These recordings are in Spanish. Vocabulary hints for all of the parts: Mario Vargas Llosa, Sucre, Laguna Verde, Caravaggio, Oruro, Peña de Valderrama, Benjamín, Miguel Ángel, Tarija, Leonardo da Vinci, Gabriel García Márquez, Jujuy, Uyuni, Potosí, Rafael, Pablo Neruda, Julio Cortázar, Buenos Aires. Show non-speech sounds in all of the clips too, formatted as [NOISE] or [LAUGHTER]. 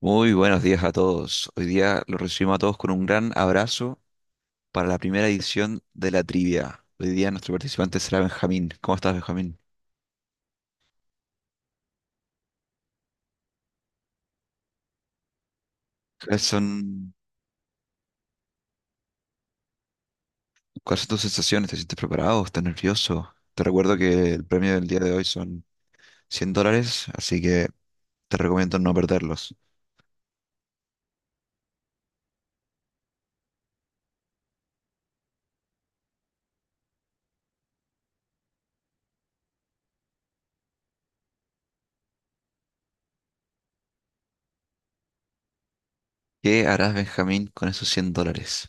Muy buenos días a todos. Hoy día los recibimos a todos con un gran abrazo para la primera edición de la trivia. Hoy día nuestro participante será Benjamín. ¿Cómo estás, Benjamín? ¿Cuáles son, cuáles son tus sensaciones? ¿Te sientes preparado? ¿Estás nervioso? Te recuerdo que el premio del día de hoy son $100, así que te recomiendo no perderlos. ¿Qué harás, Benjamín, con esos $100?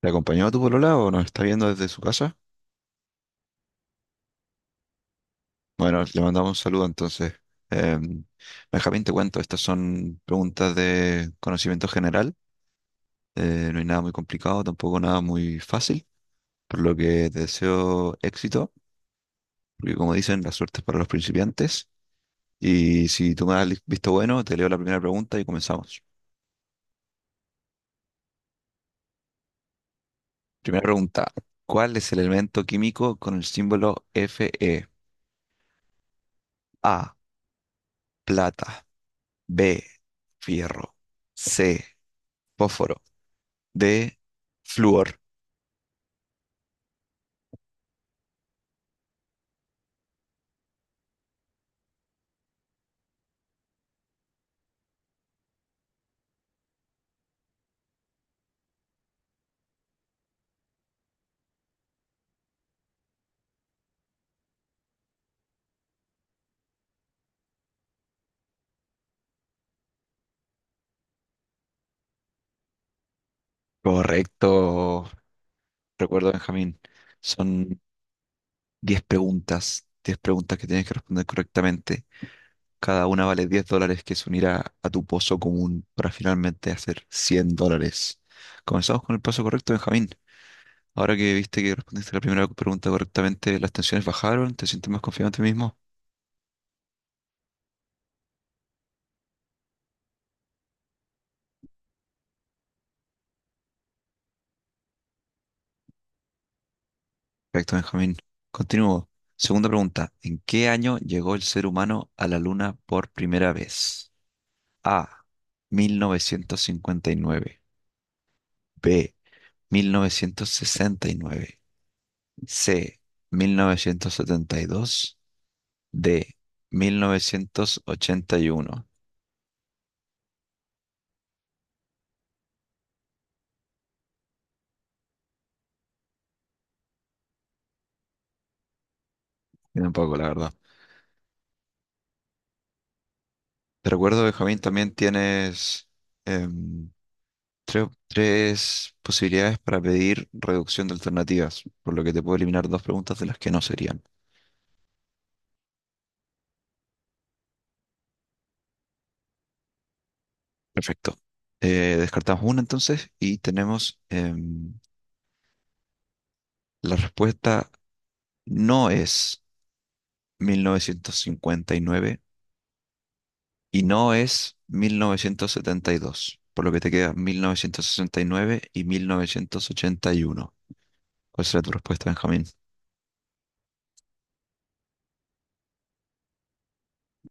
¿Te acompañó a tu polola o nos está viendo desde su casa? Bueno, le mandamos un saludo entonces. Em, Benjamín, te cuento, estas son preguntas de conocimiento general. No hay nada muy complicado, tampoco nada muy fácil, por lo que te deseo éxito, porque como dicen, la suerte es para los principiantes. Y si tú me das visto bueno, te leo la primera pregunta y comenzamos. Primera pregunta, ¿cuál es el elemento químico con el símbolo Fe? A, plata. B, fierro. C, fósforo. D, flúor. Correcto, recuerdo Benjamín, son 10 preguntas, 10 preguntas que tienes que responder correctamente. Cada una vale $10 que se unirá a tu pozo común para finalmente hacer $100. Comenzamos con el paso correcto, Benjamín. Ahora que viste que respondiste la primera pregunta correctamente, las tensiones bajaron, ¿te sientes más confiado en ti mismo? Perfecto, Benjamín. Continúo. Segunda pregunta, ¿en qué año llegó el ser humano a la Luna por primera vez? A, 1959. B, 1969. C, 1972. D, 1981. Tiene un poco, la verdad. Te recuerdo, Benjamín, también tienes em, tres posibilidades para pedir reducción de alternativas, por lo que te puedo eliminar dos preguntas de las que no serían. Perfecto. Descartamos una entonces y tenemos la respuesta no es 1959. Y no es 1972, por lo que te queda 1969 y 1981. ¿Cuál será tu respuesta, Benjamín?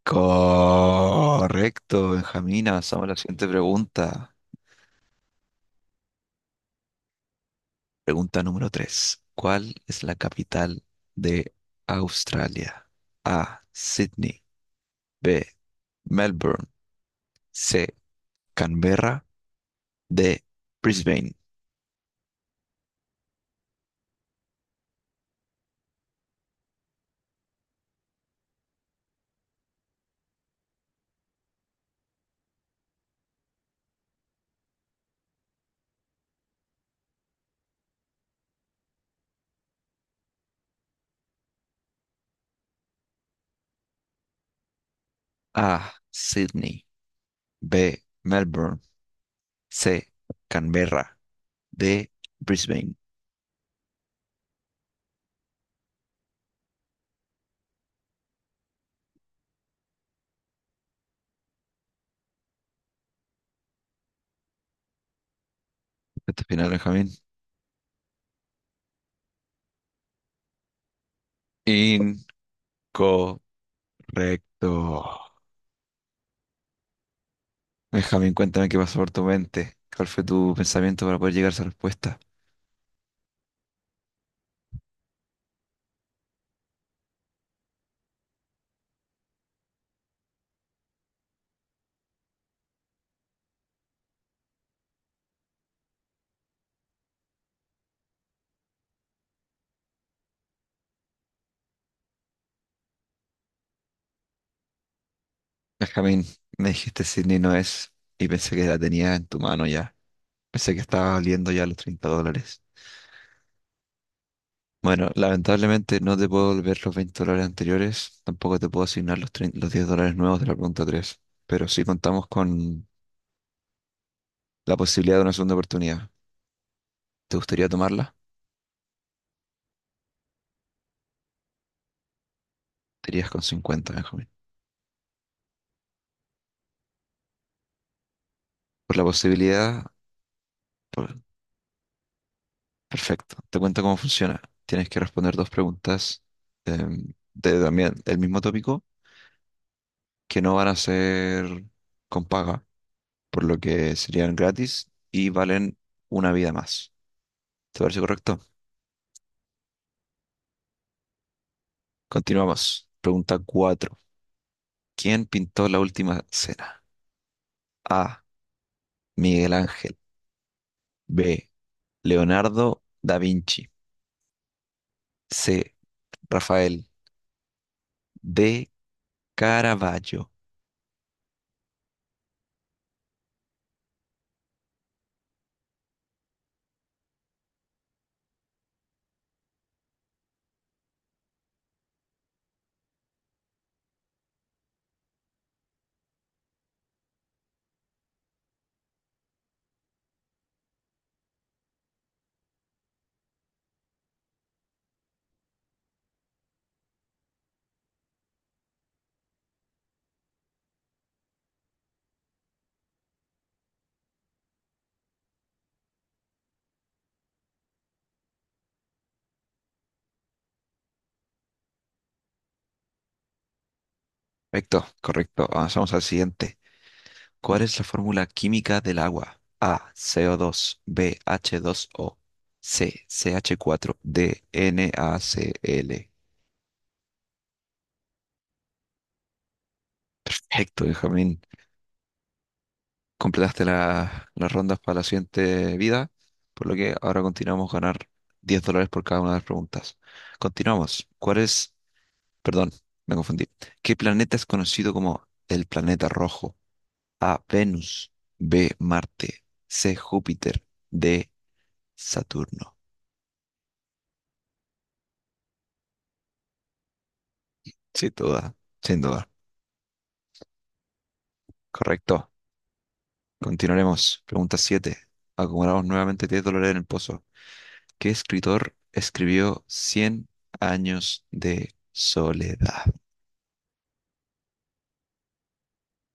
Correcto, Benjamín. Avanzamos a la siguiente pregunta. Pregunta número 3. ¿Cuál es la capital de Australia? A, Sydney. B, Melbourne. C, Canberra. D, Brisbane. A, Sydney. B, Melbourne. C, Canberra. D, Brisbane. Este final, Benjamín. Incorrecto. Benjamín, cuéntame qué pasó por tu mente. ¿Cuál fue tu pensamiento para poder llegar a esa respuesta? Benjamín, me dijiste Sydney no es, y pensé que la tenías en tu mano ya. Pensé que estaba valiendo ya los $30. Bueno, lamentablemente no te puedo devolver los $20 anteriores, tampoco te puedo asignar los, 30, los $10 nuevos de la pregunta tres, pero sí contamos con la posibilidad de una segunda oportunidad. ¿Te gustaría tomarla? Te irías con 50, Benjamín. Por la posibilidad. por- Perfecto. Te cuento cómo funciona. Tienes que responder dos preguntas de también el mismo tópico que no van a ser con paga, por lo que serían gratis y valen una vida más. ¿Te parece correcto? Continuamos. Pregunta 4. ¿Quién pintó la última cena? A, Miguel Ángel. B, Leonardo da Vinci. C, Rafael. D, Caravaggio. Perfecto, correcto. Avanzamos al siguiente. ¿Cuál es la fórmula química del agua? A, CO2. B, H2O. C, CH4. D, NaCl. Perfecto, Benjamín. Completaste las rondas para la siguiente vida, por lo que ahora continuamos ganar $10 por cada una de las preguntas. Continuamos. ¿Cuál es? Perdón, me confundí. ¿Qué planeta es conocido como el planeta rojo? A, Venus. B, Marte. C, Júpiter. D, Saturno. Sin duda, sin duda. Correcto. Continuaremos. Pregunta 7. Acumulamos nuevamente $10 en el pozo. ¿Qué escritor escribió Cien años de soledad?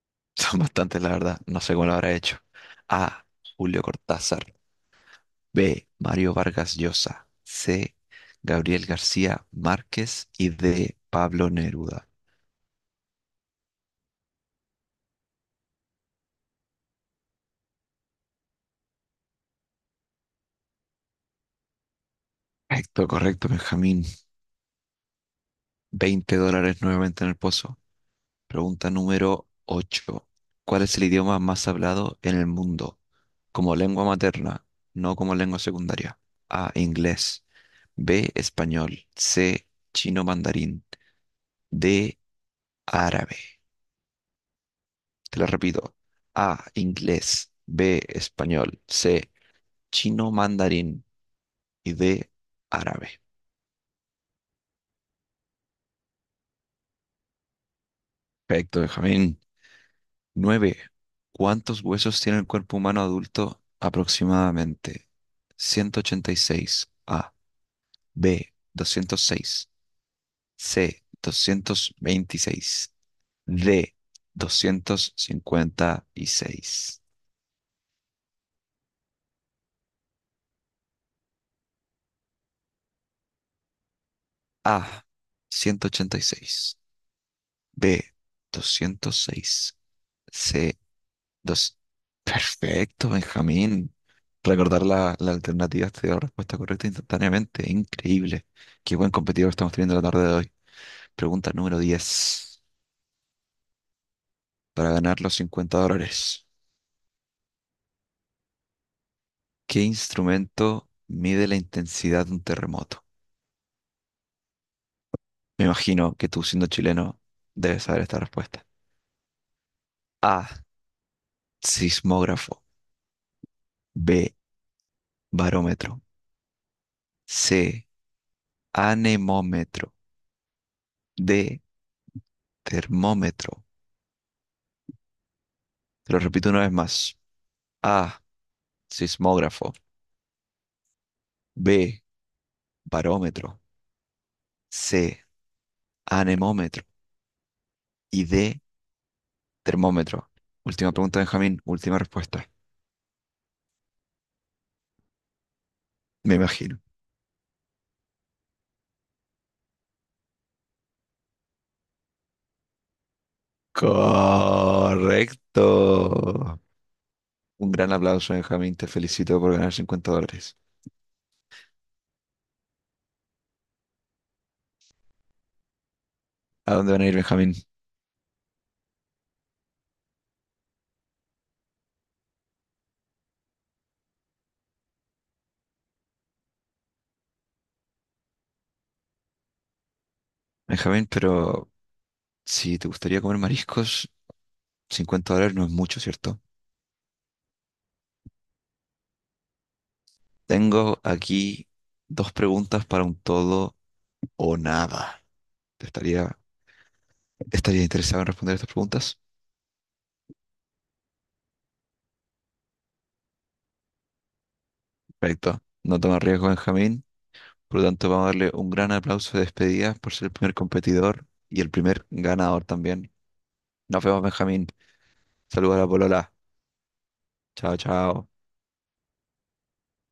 [LAUGHS] Son bastantes, la verdad. No sé cómo lo habrá hecho. A, Julio Cortázar. B, Mario Vargas Llosa. C, Gabriel García Márquez. Y D, Pablo Neruda. Correcto, correcto, Benjamín. $20 nuevamente en el pozo. Pregunta número 8. ¿Cuál es el idioma más hablado en el mundo? Como lengua materna, no como lengua secundaria. A, inglés. B, español. C, chino mandarín. D, árabe. Te lo repito. A, inglés. B, español. C, chino mandarín. Y D, árabe. Perfecto, Benjamín. 9. ¿Cuántos huesos tiene el cuerpo humano adulto aproximadamente? 186. A. B, 206. C, 226. D, 256. A, 186. B, 206. C, dos. Perfecto, Benjamín. Recordar la alternativa te dio la respuesta correcta instantáneamente. Increíble. Qué buen competidor estamos teniendo la tarde de hoy. Pregunta número diez. Para ganar los $50, ¿qué instrumento mide la intensidad de un terremoto? Me imagino que tú, siendo chileno, debes saber esta respuesta. A, sismógrafo. B, barómetro. C, anemómetro. D, termómetro. Te lo repito una vez más. A, sismógrafo. B, barómetro. C, anemómetro. Y D, termómetro. Última pregunta, Benjamín. Última respuesta. Me imagino. Correcto. Un gran aplauso, Benjamín. Te felicito por ganar $50. ¿A dónde van a ir, Benjamín? Benjamín, pero si te gustaría comer mariscos, $50 no es mucho, ¿cierto? Tengo aquí dos preguntas para un todo o nada. Te estaría ¿Estaría interesado en responder estas preguntas? Perfecto. No toma riesgo, Benjamín. Por lo tanto, vamos a darle un gran aplauso de despedida por ser el primer competidor y el primer ganador también. Nos vemos, Benjamín. Saludos a la polola. Chao, chao.